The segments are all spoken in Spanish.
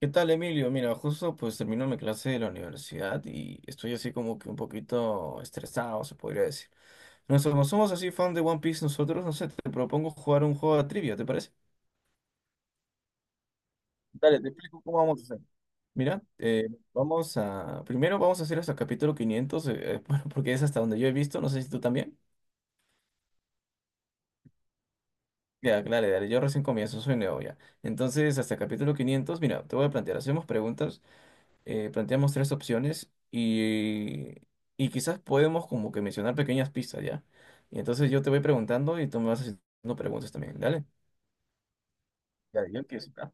¿Qué tal, Emilio? Mira, justo pues termino mi clase de la universidad y estoy así como que un poquito estresado, se podría decir. Nosotros como somos así fan de One Piece, nosotros, no sé, te propongo jugar un juego de trivia, ¿te parece? Dale, te explico cómo vamos a hacer. Mira, vamos a... Primero vamos a hacer hasta el capítulo 500 bueno, porque es hasta donde yo he visto, no sé si tú también. Ya, claro, dale, yo recién comienzo, soy nuevo ya. Entonces, hasta el capítulo 500 mira, te voy a plantear, hacemos preguntas. Planteamos tres opciones y quizás podemos como que mencionar pequeñas pistas, ¿ya? Y entonces yo te voy preguntando y tú me vas haciendo preguntas también, dale. Ya, yo empiezo, ¿ya?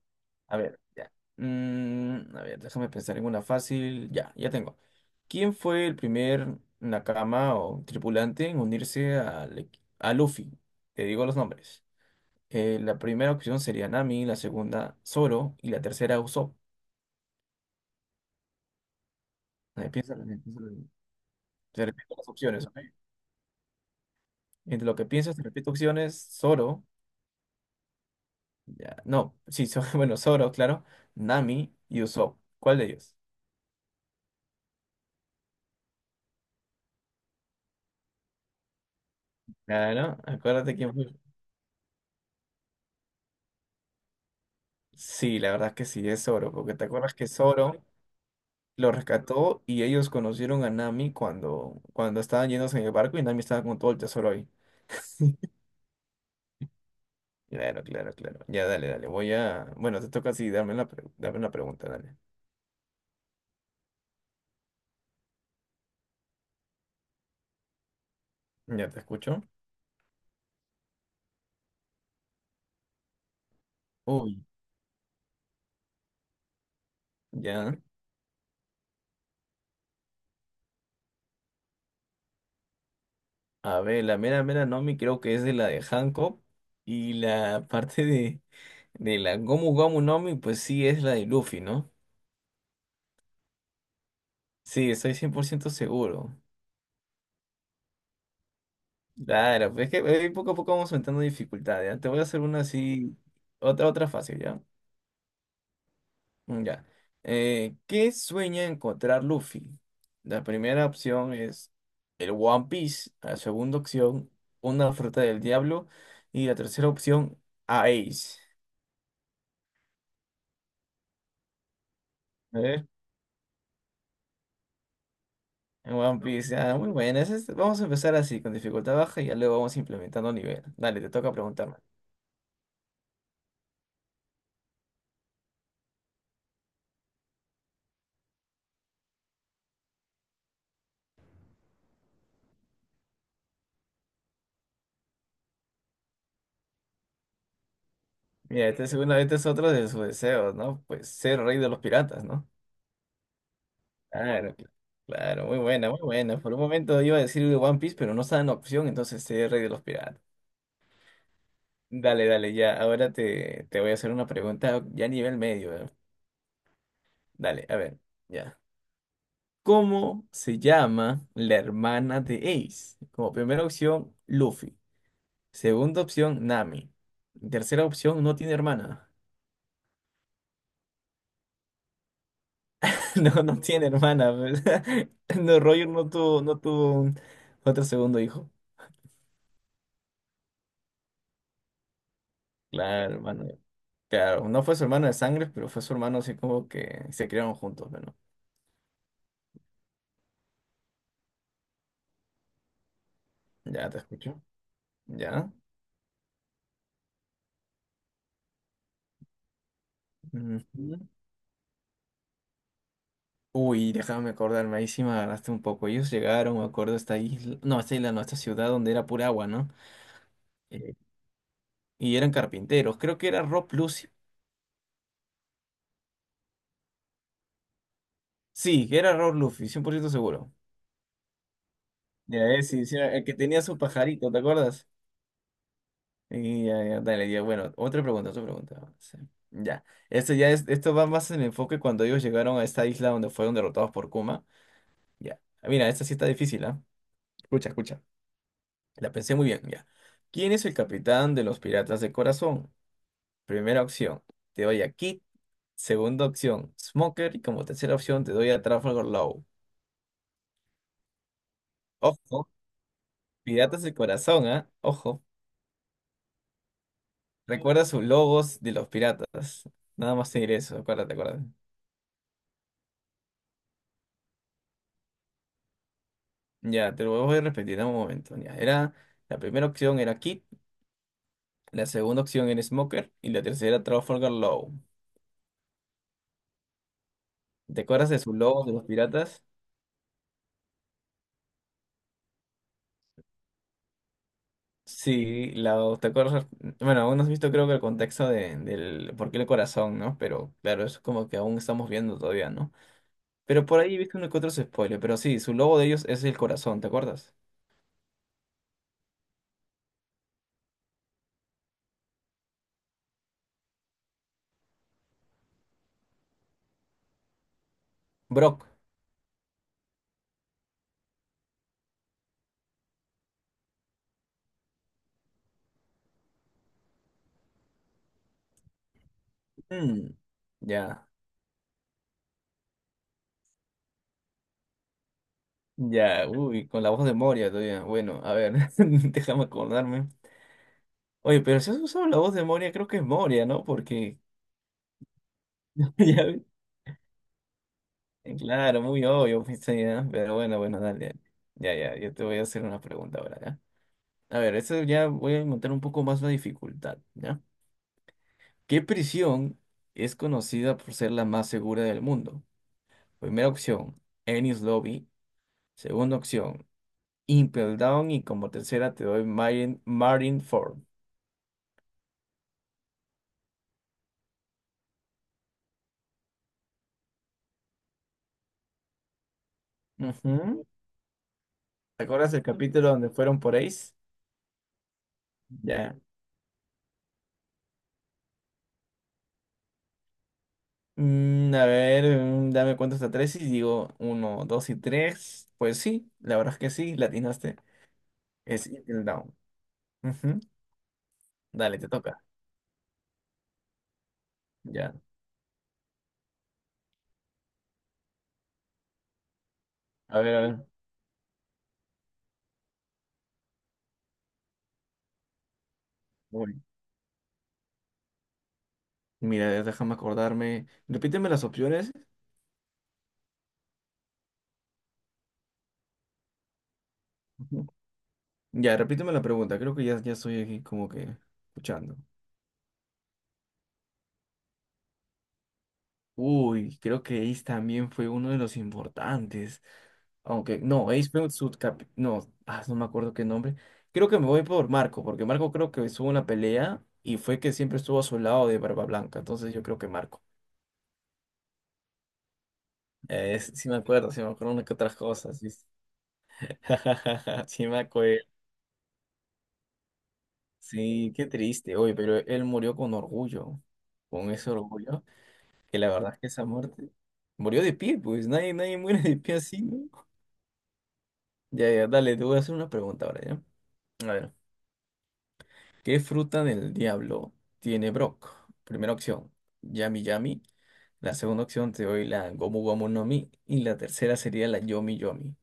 A ver, ya. A ver, déjame pensar en una fácil. Ya, ya tengo. ¿Quién fue el primer Nakama o tripulante en unirse al a Luffy? Te digo los nombres. La primera opción sería Nami, la segunda Zoro y la tercera Usopp. Piénsalo bien, piénsalo bien. Te repito las opciones, ¿ok? Entre lo que piensas, te repito opciones, Zoro, ya, no, sí, Zoro, bueno, Zoro, claro, Nami y Usopp. ¿Cuál de ellos? Claro, acuérdate quién fue. Sí, la verdad es que sí, es Zoro, porque te acuerdas que Zoro lo rescató y ellos conocieron a Nami cuando estaban yéndose en el barco y Nami estaba con todo el tesoro ahí. Claro, claro, claro. Ya, dale, dale. Voy a. Bueno, te toca así, darme darme la pregunta, dale. Ya te escucho. Uy, ya. A ver, la Mera Mera Nomi creo que es de la de Hancock y la parte de la Gomu Gomu Nomi pues sí es la de Luffy, ¿no? Sí, estoy 100% seguro. Claro, pues es que poco a poco vamos aumentando dificultad, ¿ya? Te voy a hacer una así, otra fácil, ¿ya? Ya. ¿Qué sueña encontrar Luffy? La primera opción es el One Piece, la segunda opción, una fruta del diablo y la tercera opción, a Ace. En One Piece, ah, muy buena. Este, vamos a empezar así, con dificultad baja, y ya luego vamos implementando nivel. Dale, te toca preguntarme. Mira, este segundo, este es otro de sus deseos, ¿no? Pues ser rey de los piratas, ¿no? Claro, claro, muy buena, muy buena. Por un momento iba a decir de One Piece, pero no estaba en opción, entonces ser rey de los piratas. Dale, dale, ya. Ahora te voy a hacer una pregunta ya a nivel medio, ¿eh? Dale, a ver, ya. ¿Cómo se llama la hermana de Ace? Como primera opción, Luffy. Segunda opción, Nami. Tercera opción, no tiene hermana. No, no tiene hermana, pues. No, Roger no tuvo, otro segundo hijo. Claro, hermano. Claro, no fue su hermano de sangre, pero fue su hermano así como que se criaron juntos, bueno. Ya te escucho. Ya. Ujú. Uy, déjame acordarme, ahí sí me agarraste un poco. Ellos llegaron, me acuerdo, a esta isla, no, a esta ciudad donde era pura agua, ¿no? Eh, y eran carpinteros. Creo que era Rob Lucy. Sí, que era Rob Luffy, 100% seguro. Ya, sí, sí, el que tenía su pajarito, ¿te acuerdas? Y ya, ya, dale, ya, bueno, otra pregunta, otra pregunta. Sí. Ya, esto va más en el enfoque cuando ellos llegaron a esta isla donde fueron derrotados por Kuma. Ya, ah, mira, esta sí está difícil, ¿ah? Escucha, escucha. La pensé muy bien, ya. ¿Quién es el capitán de los piratas de corazón? Primera opción, te doy a Kid. Segunda opción, Smoker. Y como tercera opción, te doy a Trafalgar Law. Ojo, piratas de corazón, ¿ah? Ojo. Recuerda sus logos de los piratas. Nada más te diré eso, acuérdate, acuérdate. Ya, te lo voy a repetir en un momento. Ya, era, la primera opción era Kid, la segunda opción era Smoker y la tercera Trafalgar Law. ¿Te acuerdas de sus logos de los piratas? Sí, la, te acuerdas, bueno, aún no has visto creo que el contexto del por qué el corazón, ¿no? Pero claro, eso es como que aún estamos viendo todavía, ¿no? Pero por ahí viste uno que otro spoiler, pero sí, su logo de ellos es el corazón, ¿te acuerdas? Brock. Mm, ya. Ya, uy, con la voz de Moria todavía. Bueno, a ver, déjame acordarme. Oye, pero si has usado la voz de Moria, creo que es Moria, ¿no? Porque, ya, claro, muy obvio, pues, sí, ¿ah? Pero bueno, bueno, dale. Ya, ya, ya, yo te voy a hacer una pregunta ahora, ¿ya? A ver, esto ya voy a montar un poco más la dificultad, ¿ya? ¿Qué prisión es conocida por ser la más segura del mundo? Primera opción, Ennis Lobby. Segunda opción, Impel Down. Y como tercera te doy Marine, Marineford. Ujú. ¿Te acuerdas el capítulo donde fueron por Ace? Ya. A ver, dame cuenta hasta tres y digo uno, dos y tres. Pues sí, la verdad es que sí, latinaste. Es Until Down. Ujú. Dale, te toca. Ya. A ver, a ver. Uy, mira, déjame acordarme. Repíteme las opciones. Ujú. Ya, repíteme la pregunta. Creo que ya, ya estoy aquí como que escuchando. Uy, creo que Ace también fue uno de los importantes. Aunque, no, Ace fue un subcap... No, ah, no me acuerdo qué nombre. Creo que me voy por Marco, porque Marco creo que estuvo en una pelea y fue que siempre estuvo a su lado de Barba Blanca. Entonces yo creo que Marco. Sí me acuerdo, sí me acuerdo una que otras cosas, ¿viste? Sí me acuerdo. Sí, qué triste. Oye, pero él murió con orgullo. Con ese orgullo, que la verdad es que esa muerte... Murió de pie, pues nadie, nadie muere de pie así, ¿no? Ya, ya, dale, te voy a hacer una pregunta ahora, ¿ya? A ver, ¿qué fruta del diablo tiene Brock? Primera opción, Yami Yami. La segunda opción te doy la Gomu Gomu no Mi. Y la tercera sería la Yomi Yomi.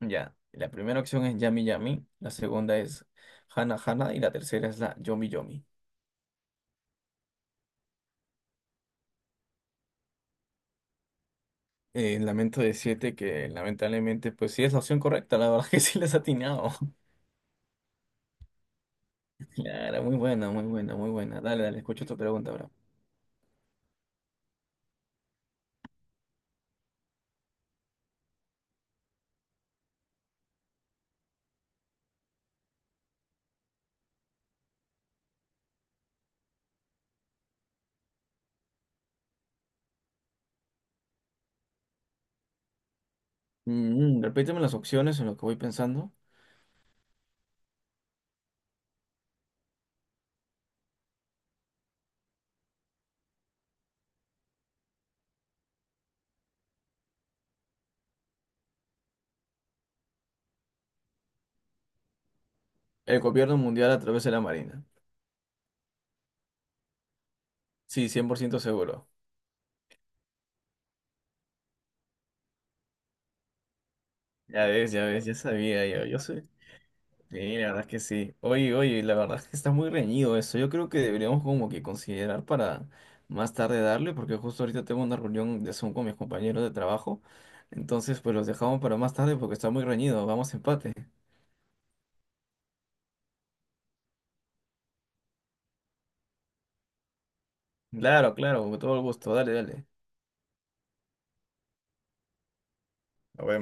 Ya, la primera opción es Yami Yami. La segunda es Hana Hana. Y la tercera es la Yomi Yomi. Lamento decirte que lamentablemente, pues sí es la opción correcta. La verdad que sí les has atinado. Claro, muy buena, muy buena, muy buena. Dale, dale, escucho tu pregunta, bro. Repíteme las opciones en lo que voy pensando. El gobierno mundial a través de la Marina. Sí, 100% seguro. Ya ves, ya ves, ya sabía yo. Yo soy. Sí, la verdad es que sí. Oye, oye, la verdad es que está muy reñido eso. Yo creo que deberíamos como que considerar para más tarde darle, porque justo ahorita tengo una reunión de Zoom con mis compañeros de trabajo. Entonces, pues los dejamos para más tarde porque está muy reñido. Vamos a empate. Claro, claro, con todo el gusto. Dale, dale. Nos vemos.